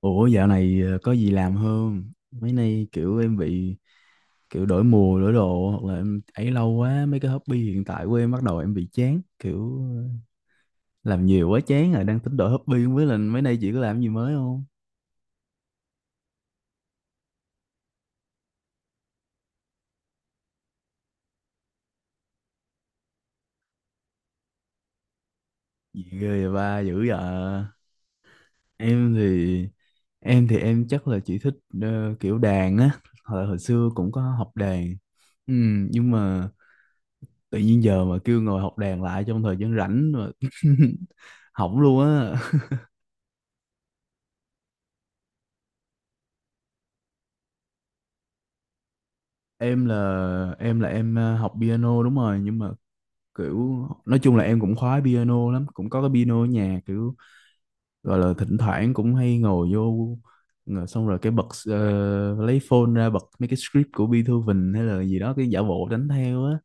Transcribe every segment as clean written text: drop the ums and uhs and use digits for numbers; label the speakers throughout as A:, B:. A: Ủa, dạo này có gì làm không? Mấy nay kiểu em bị kiểu đổi mùa đổi đồ, hoặc là em ấy lâu quá mấy cái hobby hiện tại của em, bắt đầu em bị chán kiểu làm nhiều quá chán rồi, đang tính đổi hobby. Không biết là mấy nay chị có làm gì mới không? Gì ghê vậy, ba dữ vậy? Em thì em thì em chắc là chỉ thích kiểu đàn á, hồi xưa cũng có học đàn. Ừ, nhưng mà tự nhiên giờ mà kêu ngồi học đàn lại trong thời gian rảnh mà học luôn á. Em là em là em ờ, học piano đúng rồi, nhưng mà kiểu nói chung là em cũng khoái piano lắm, cũng có cái piano ở nhà, kiểu gọi là thỉnh thoảng cũng hay ngồi vô, ngồi xong rồi cái bật lấy phone ra bật mấy cái script của Beethoven hay là gì đó, cái giả bộ đánh theo á,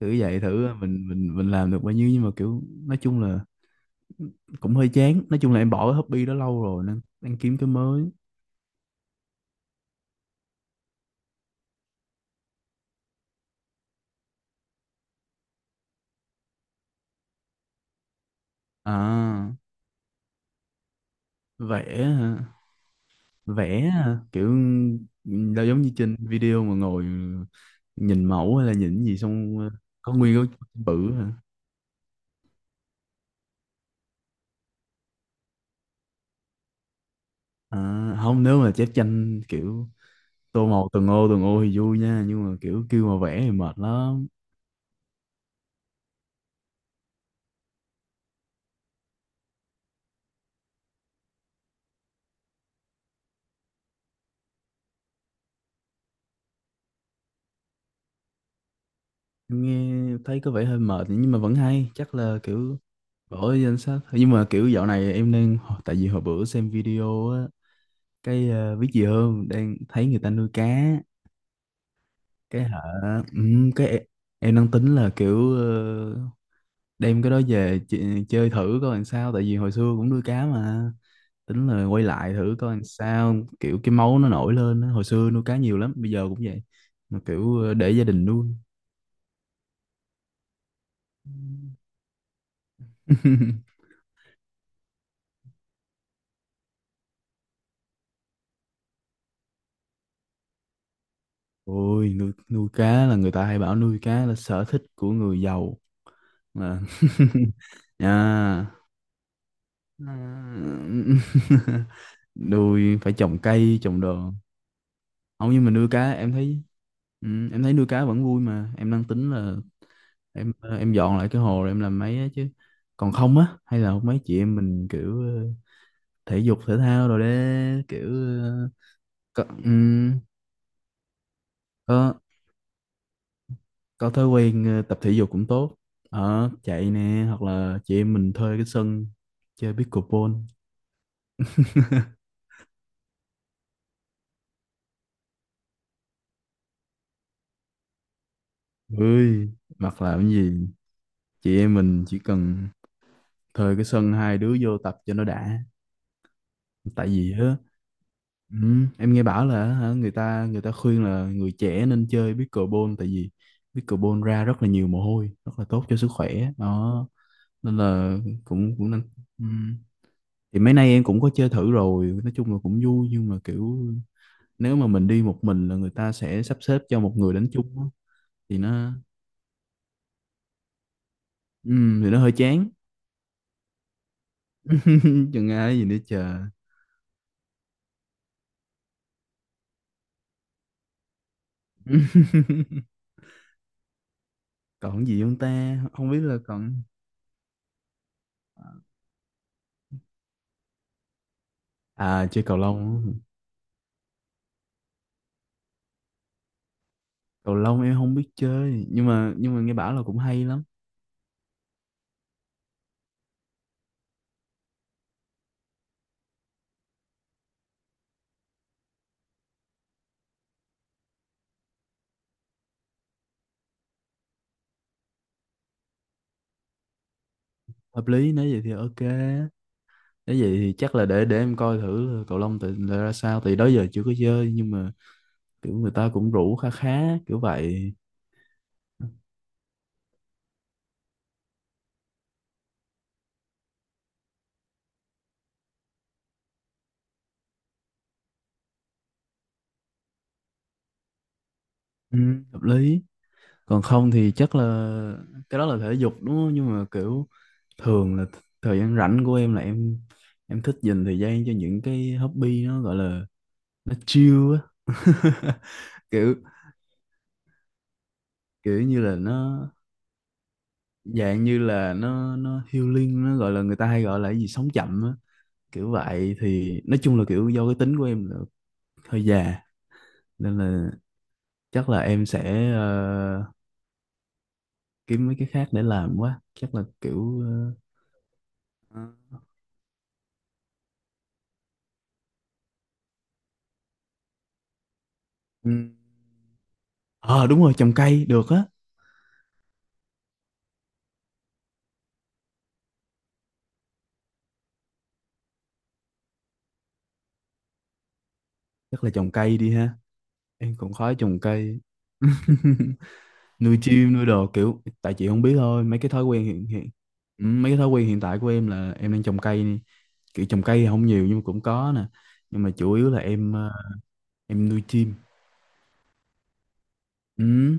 A: thử vậy thử à, mình làm được bao nhiêu. Nhưng mà kiểu nói chung là cũng hơi chán, nói chung là em bỏ cái hobby đó lâu rồi nên đang kiếm cái mới. À, vẽ hả? Vẽ hả? Kiểu đâu giống như trên video mà ngồi nhìn mẫu hay là nhìn cái gì xong có nguyên cái bự hả? À, không, nếu mà chép tranh kiểu tô màu từng ô thì vui nha, nhưng mà kiểu kêu mà vẽ thì mệt lắm. Nghe thấy có vẻ hơi mệt nhưng mà vẫn hay, chắc là kiểu bỏ vô danh sách. Nhưng mà kiểu dạo này em đang, tại vì hồi bữa xem video á, cái biết gì hơn, đang thấy người ta nuôi cá. Cái hả? Ừ, cái em đang tính là kiểu đem cái đó về chơi thử coi làm sao, tại vì hồi xưa cũng nuôi cá mà, tính là quay lại thử coi làm sao. Kiểu cái máu nó nổi lên á. Hồi xưa nuôi cá nhiều lắm, bây giờ cũng vậy, mà kiểu để gia đình nuôi. Ôi, nuôi nuôi cá là người ta hay bảo nuôi cá là sở thích của người giàu mà. Nha. À. Nuôi phải trồng cây trồng đồ. Không, nhưng mà nuôi cá em thấy, ừ, em thấy nuôi cá vẫn vui mà. Em đang tính là em em dọn lại cái hồ rồi em làm mấy á chứ. Còn không á, hay là mấy chị em mình kiểu thể dục thể thao rồi đấy, kiểu ờ, có. Có có thói quen tập thể dục cũng tốt, ở chạy nè, hoặc là chị em mình thuê cái sân chơi pickleball. Ơi, hoặc là cái gì, chị em mình chỉ cần thuê cái sân, hai đứa vô tập cho nó đã. Tại vì á, ừ, em nghe bảo là hả, người ta khuyên là người trẻ nên chơi pickleball, tại vì pickleball ra rất là nhiều mồ hôi, rất là tốt cho sức khỏe đó. Nên là cũng cũng nên. Ừ. Thì mấy nay em cũng có chơi thử rồi, nói chung là cũng vui, nhưng mà kiểu nếu mà mình đi một mình là người ta sẽ sắp xếp cho một người đánh chung á, thì nó, ừ, thì nó hơi chán. Chừng ai gì nữa chờ. Còn gì không ta, không biết là còn. À, chơi cầu lông, cầu lông em không biết chơi, nhưng mà nghe bảo là cũng hay lắm. Hợp lý, nếu vậy thì ok. Nếu vậy thì chắc là để em coi thử là cầu lông tự là ra sao, thì đó giờ chưa có chơi nhưng mà kiểu người ta cũng rủ khá khá kiểu vậy. Ừ, hợp lý. Còn không thì chắc là cái đó là thể dục đúng không, nhưng mà kiểu thường là thời gian rảnh của em là em thích dành thời gian cho những cái hobby nó gọi là nó chill á. Kiểu kiểu như là nó, dạng như là nó healing, nó gọi là người ta hay gọi là cái gì sống chậm á. Kiểu vậy thì nói chung là kiểu do cái tính của em là hơi già, nên là chắc là em sẽ kiếm mấy cái khác để làm quá, chắc là kiểu ờ, ừ. Ờ, đúng rồi, trồng cây được á. Chắc là trồng cây đi ha. Em cũng khoái trồng cây. Nuôi chim nuôi đồ kiểu, tại chị không biết thôi, mấy cái thói quen hiện hiện, ừ, mấy cái thói quen hiện tại của em là em đang trồng cây nè. Kiểu trồng cây thì không nhiều nhưng mà cũng có nè. Nhưng mà chủ yếu là em em nuôi chim. Ừ,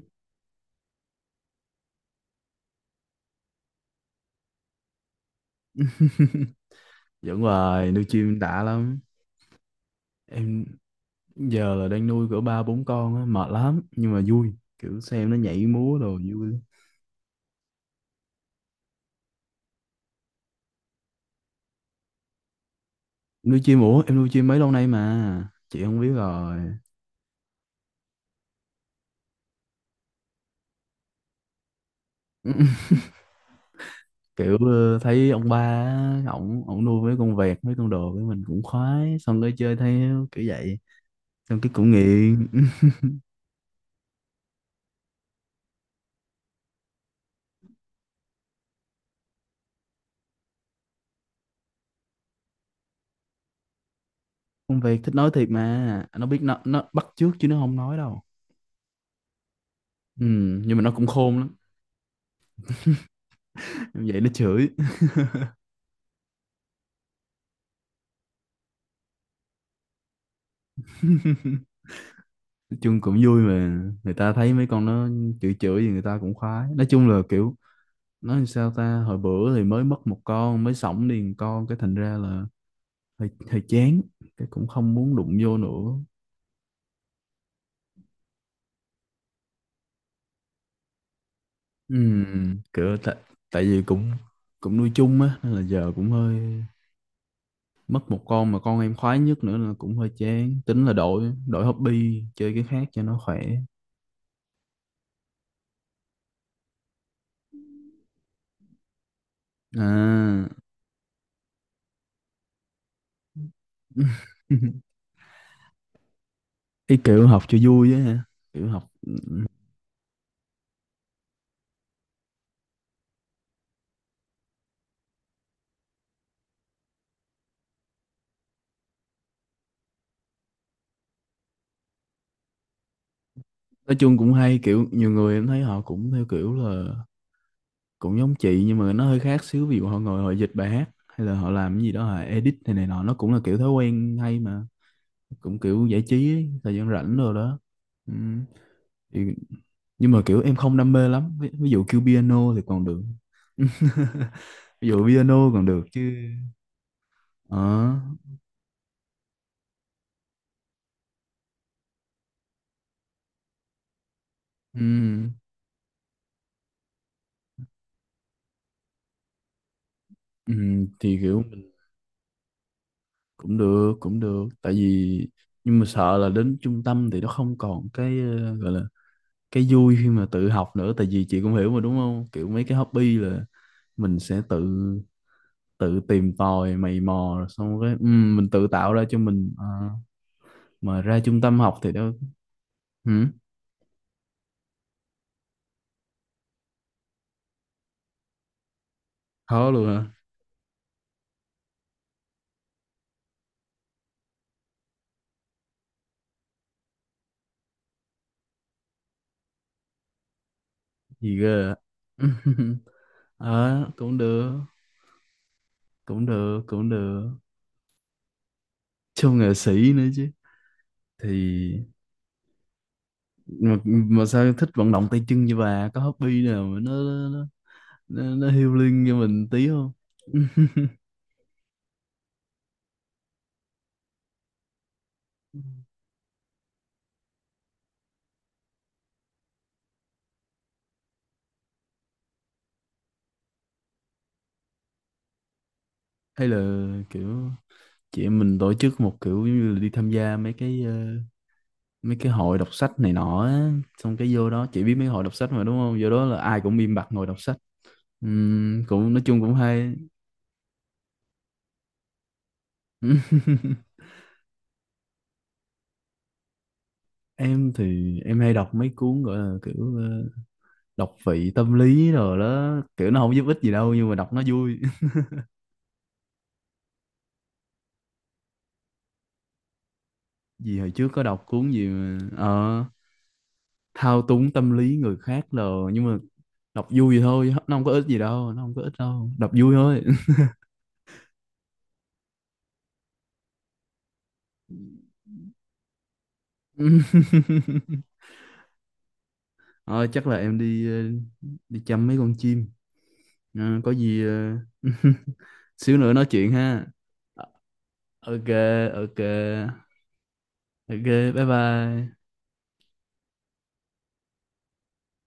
A: vẫn hoài nuôi chim đã lắm. Em giờ là đang nuôi cỡ ba bốn con á, mệt lắm nhưng mà vui. Kiểu xem nó nhảy múa đồ vui lắm. Nuôi chim, ủa em nuôi chim mấy lâu nay mà chị không biết rồi. Kiểu thấy ông ba á, ổng ổng nuôi mấy con vẹt mấy con đồ với mình cũng khoái, xong cái chơi theo kiểu vậy, xong cái cũng nghiện. Con vẹt thích nói thiệt mà, nó biết, nó bắt chước chứ nó không nói đâu. Ừ, nhưng mà nó cũng khôn lắm. Vậy nó chửi. Nói chung cũng vui mà, người ta thấy mấy con nó chửi chửi thì người ta cũng khoái. Nói chung là kiểu nói làm sao ta, hồi bữa thì mới mất một con, mới sổng đi một con, cái thành ra là hơi hơi chán, cái cũng không muốn đụng vô nữa. Ừ, kiểu tại tại vì cũng cũng nuôi chung á nên là giờ cũng hơi, mất một con mà con em khoái nhất nữa là cũng hơi chán, tính là đổi đổi hobby chơi cái khác cho nó khỏe. À, cái kiểu học cho vui á hả, kiểu học nói chung cũng hay. Kiểu nhiều người em thấy họ cũng theo kiểu là cũng giống chị, nhưng mà nó hơi khác xíu, ví dụ họ ngồi họ dịch bài hát, hay là họ làm cái gì đó họ edit này này nọ, nó cũng là kiểu thói quen hay mà, cũng kiểu giải trí ấy, thời gian rảnh rồi đó. Ừ. Thì, nhưng mà kiểu em không đam mê lắm, ví dụ kêu piano thì còn được. Ví dụ piano còn được chứ. Ờ, ừ, ừ, thì kiểu mình cũng được, cũng được, tại vì nhưng mà sợ là đến trung tâm thì nó không còn cái gọi là cái vui khi mà tự học nữa. Tại vì chị cũng hiểu mà đúng không, kiểu mấy cái hobby là mình sẽ tự tự tìm tòi mày mò rồi xong cái, ừ, mình tự tạo ra cho mình. Ờ, mà ra trung tâm học thì đâu. Ừ, khó luôn hả? Gì cơ à? Ờ, cũng được, cũng được, cũng được, siêu nghệ sĩ nữa chứ. Thì mà sao thích vận động tay chân như bà, có hobby nào mà nó healing cho mình tí không? Hay là kiểu chị em mình tổ chức một kiểu giống như là đi tham gia mấy cái mấy cái hội đọc sách này nọ á. Xong cái vô đó, chị biết mấy hội đọc sách mà đúng không, vô đó là ai cũng im bặt ngồi đọc sách. Cũng nói chung cũng hay. Em thì em hay đọc mấy cuốn gọi là kiểu đọc vị tâm lý rồi đó, kiểu nó không giúp ích gì đâu nhưng mà đọc nó vui. Vì hồi trước có đọc cuốn gì mà thao túng tâm lý người khác rồi, nhưng mà đọc vui vậy thôi, nó không có ích gì đâu, nó không có ích đâu, đọc vui thôi. Thôi chắc là em đi chăm mấy con chim. Ờ, có gì xíu nữa nói chuyện ha. Ờ, ok, ok, ok, bye bye.